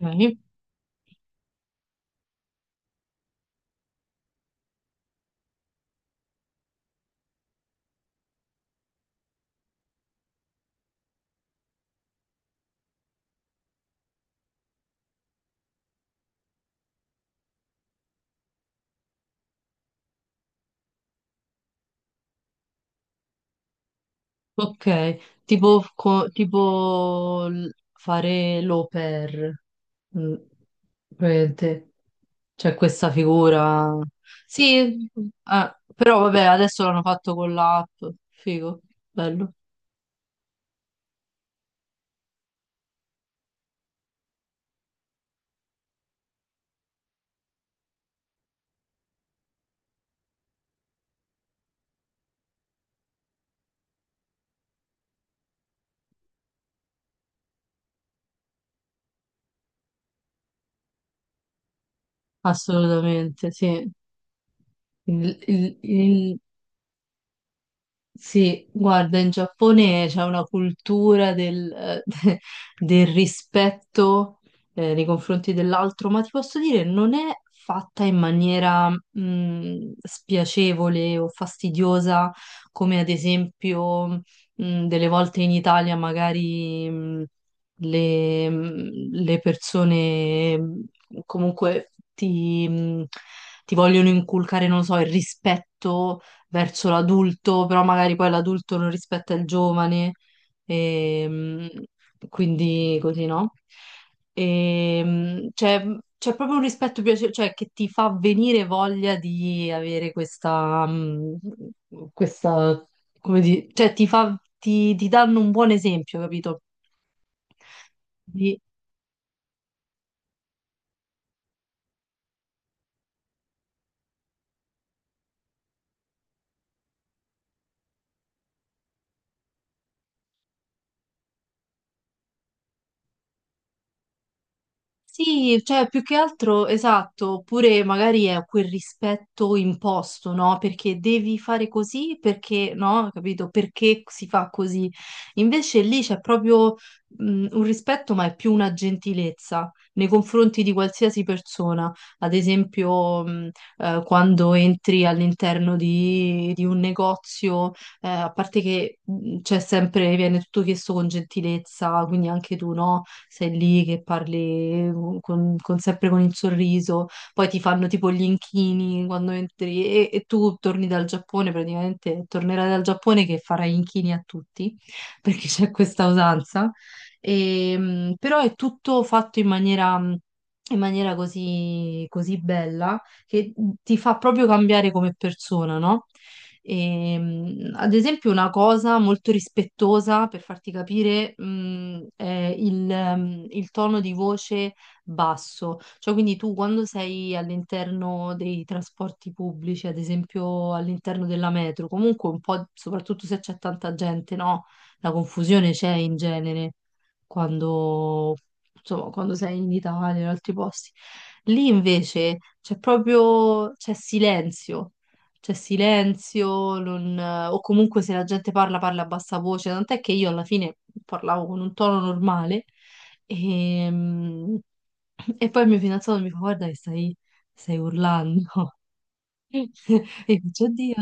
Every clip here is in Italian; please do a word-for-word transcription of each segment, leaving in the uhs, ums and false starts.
Ok, ok. Tipo, co- tipo l- fare l'au pair, mm, praticamente. C'è questa figura. Sì, eh, però vabbè, adesso l'hanno fatto con l'app. Figo, bello. Assolutamente, sì. Il, il- il- Sì, guarda, in Giappone c'è una cultura del, eh, del rispetto, eh, nei confronti dell'altro, ma ti posso dire, non è fatta in maniera, mh, spiacevole o fastidiosa, come ad esempio, mh, delle volte in Italia magari, mh, le, mh, le persone mh, comunque ti, mh, ti vogliono inculcare, non lo so, il rispetto verso l'adulto, però magari poi l'adulto non rispetta il giovane, ehm, quindi così, no? Ehm, c'è c'è proprio un rispetto piace- cioè, che ti fa venire voglia di avere questa, mh, questa, come dire, cioè ti fa, ti, ti danno un buon esempio, capito? Di- Sì, cioè più che altro, esatto, oppure magari è quel rispetto imposto, no? Perché devi fare così, perché no, capito? Perché si fa così. Invece lì c'è proprio mh, un rispetto, ma è più una gentilezza nei confronti di qualsiasi persona. Ad esempio, mh, eh, quando entri all'interno di, di un negozio, eh, a parte che mh, c'è sempre, viene tutto chiesto con gentilezza, quindi anche tu, no? Sei lì che parli mm, con, con- sempre con il sorriso, poi ti fanno tipo gli inchini quando entri e, e tu torni dal Giappone, praticamente tornerai dal Giappone che farai inchini a tutti, perché c'è questa usanza. E, mh, però è tutto fatto in maniera, mh, in maniera così, così bella che ti fa proprio cambiare come persona, no? Ehm, ad esempio, una cosa molto rispettosa per farti capire, mh, è il, ehm, il tono di voce basso. Cioè, quindi tu quando sei all'interno dei trasporti pubblici, ad esempio all'interno della metro, comunque un po', soprattutto se c'è tanta gente, no? La confusione c'è in genere quando, insomma, quando sei in Italia, in altri posti. Lì invece c'è proprio, c'è silenzio c'è silenzio, non- o comunque se la gente parla, parla a bassa voce, tant'è che io alla fine parlavo con un tono normale e, mm, e poi il mio fidanzato mi fa guarda che stai, stai urlando. E io faccio, oddio,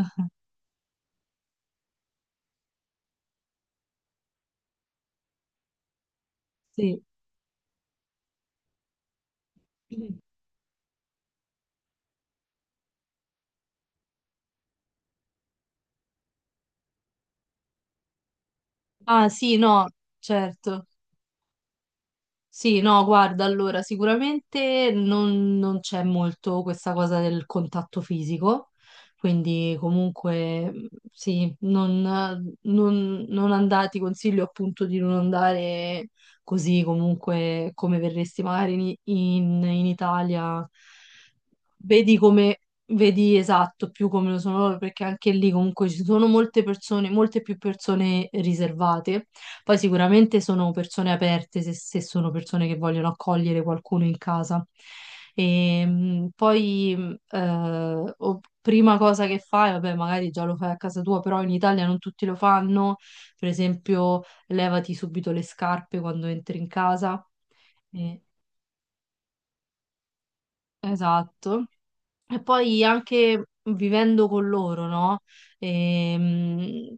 sì. Ah sì, no, certo. Sì, no, guarda, allora sicuramente non, non c'è molto questa cosa del contatto fisico, quindi comunque mh, sì, non, non, non andare, ti consiglio appunto di non andare così comunque come verresti magari in, in- in Italia, vedi come, vedi esatto più come lo sono loro, perché anche lì comunque ci sono molte persone, molte più persone riservate poi sicuramente sono persone aperte se, se sono persone che vogliono accogliere qualcuno in casa. E, mh, poi, mh, eh, o- prima cosa che fai, vabbè, magari già lo fai a casa tua, però in Italia non tutti lo fanno. Per esempio, levati subito le scarpe quando entri in casa. Eh, esatto. E poi anche vivendo con loro, no? Ehm,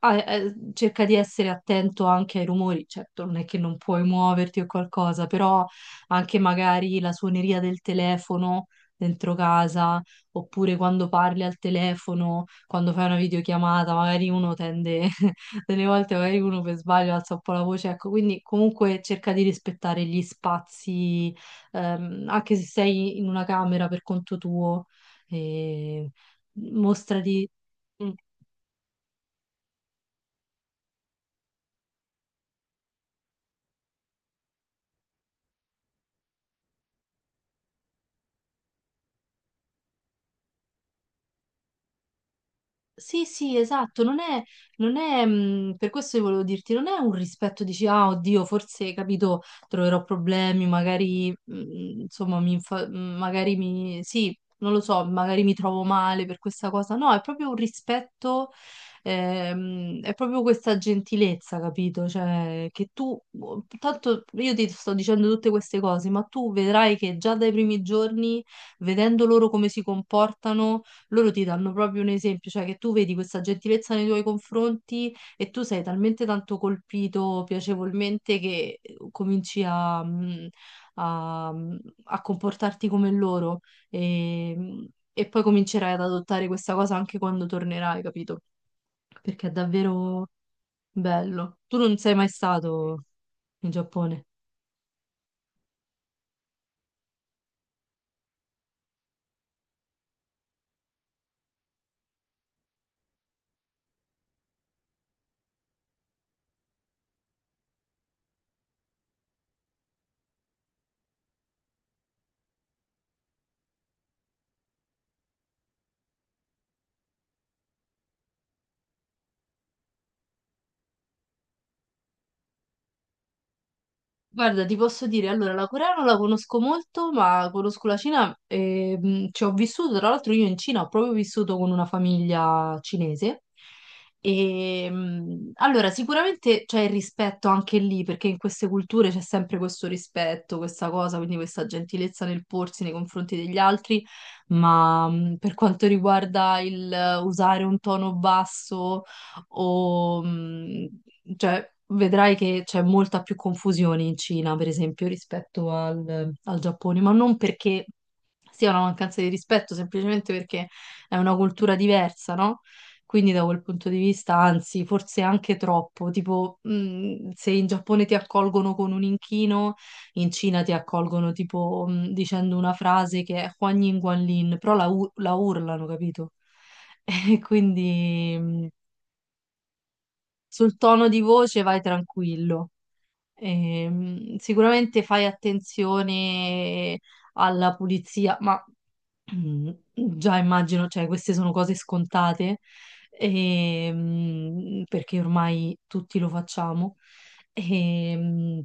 ah, eh, cerca di essere attento anche ai rumori, certo non è che non puoi muoverti o qualcosa, però anche magari la suoneria del telefono dentro casa, oppure quando parli al telefono, quando fai una videochiamata, magari uno tende, delle volte magari uno per sbaglio alza un po' la voce, ecco, quindi comunque cerca di rispettare gli spazi ehm, anche se sei in una camera per conto tuo, eh, mostrati. Sì, sì, esatto, non è, non è, mh, per questo io volevo dirti, non è un rispetto, dici, ah, oddio, forse, capito, troverò problemi, magari, mh, insomma, mi, infa- mh, magari mi, sì, non lo so, magari mi trovo male per questa cosa, no, è proprio un rispetto, ehm, è proprio questa gentilezza, capito? Cioè, che tu, boh, tanto io ti sto dicendo tutte queste cose, ma tu vedrai che già dai primi giorni, vedendo loro come si comportano, loro ti danno proprio un esempio, cioè che tu vedi questa gentilezza nei tuoi confronti e tu sei talmente tanto colpito piacevolmente che eh, cominci a, mh, a- mm, a comportarti come loro e, e poi comincerai ad adottare questa cosa anche quando tornerai, capito? Perché è davvero bello. Tu non sei mai stato in Giappone. Guarda, ti posso dire, allora la Corea non la conosco molto, ma conosco la Cina e mh, ci ho vissuto, tra l'altro io in Cina ho proprio vissuto con una famiglia cinese. E mh, allora sicuramente c'è il rispetto anche lì, perché in queste culture c'è sempre questo rispetto, questa cosa, quindi questa gentilezza nel porsi nei confronti degli altri, ma mh, per quanto riguarda il eh, usare un tono basso o mh, cioè, vedrai che c'è molta più confusione in Cina, per esempio, rispetto al, al Giappone, ma non perché sia una mancanza di rispetto, semplicemente perché è una cultura diversa, no? Quindi da quel punto di vista, anzi, forse anche troppo, tipo, mh, se in Giappone ti accolgono con un inchino, in Cina ti accolgono tipo mh, dicendo una frase che è Huan Yin Guan Lin, però la, u- la urlano, capito? E quindi mh, sul tono di voce vai tranquillo. Ehm, sicuramente fai attenzione alla pulizia, ma mm, già immagino, cioè, queste sono cose scontate, ehm, perché ormai tutti lo facciamo. Ehm,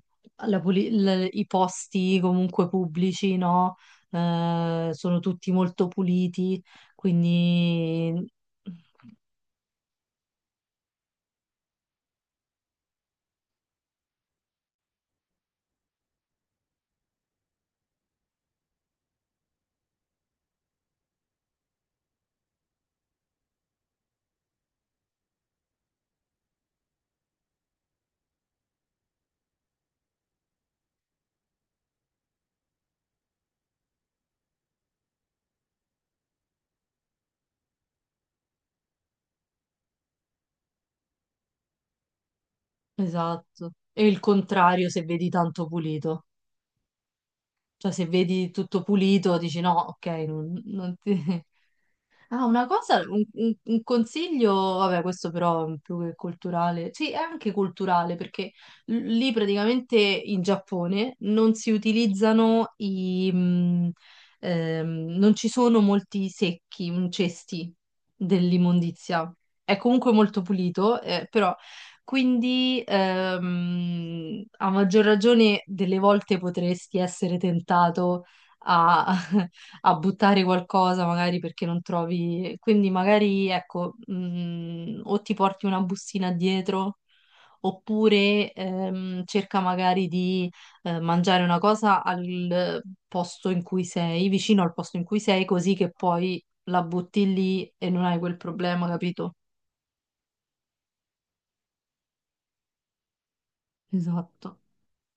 la puli- l- i posti comunque pubblici, no? Eh, sono tutti molto puliti, quindi esatto. E il contrario se vedi tanto pulito. Cioè, se vedi tutto pulito, dici no, ok, non, non ti... Ah, una cosa, un, un- un consiglio, vabbè, questo però è più che culturale, sì, è anche culturale perché l- lì praticamente in Giappone non si utilizzano i, mh, ehm, non ci sono molti secchi, mm, cesti dell'immondizia. È comunque molto pulito, eh, però quindi ehm, a maggior ragione delle volte potresti essere tentato a a buttare qualcosa magari perché non trovi, quindi magari ecco, mh, o ti porti una bustina dietro oppure ehm, cerca magari di eh, mangiare una cosa al posto in cui sei, vicino al posto in cui sei, così che poi la butti lì e non hai quel problema, capito? Esatto.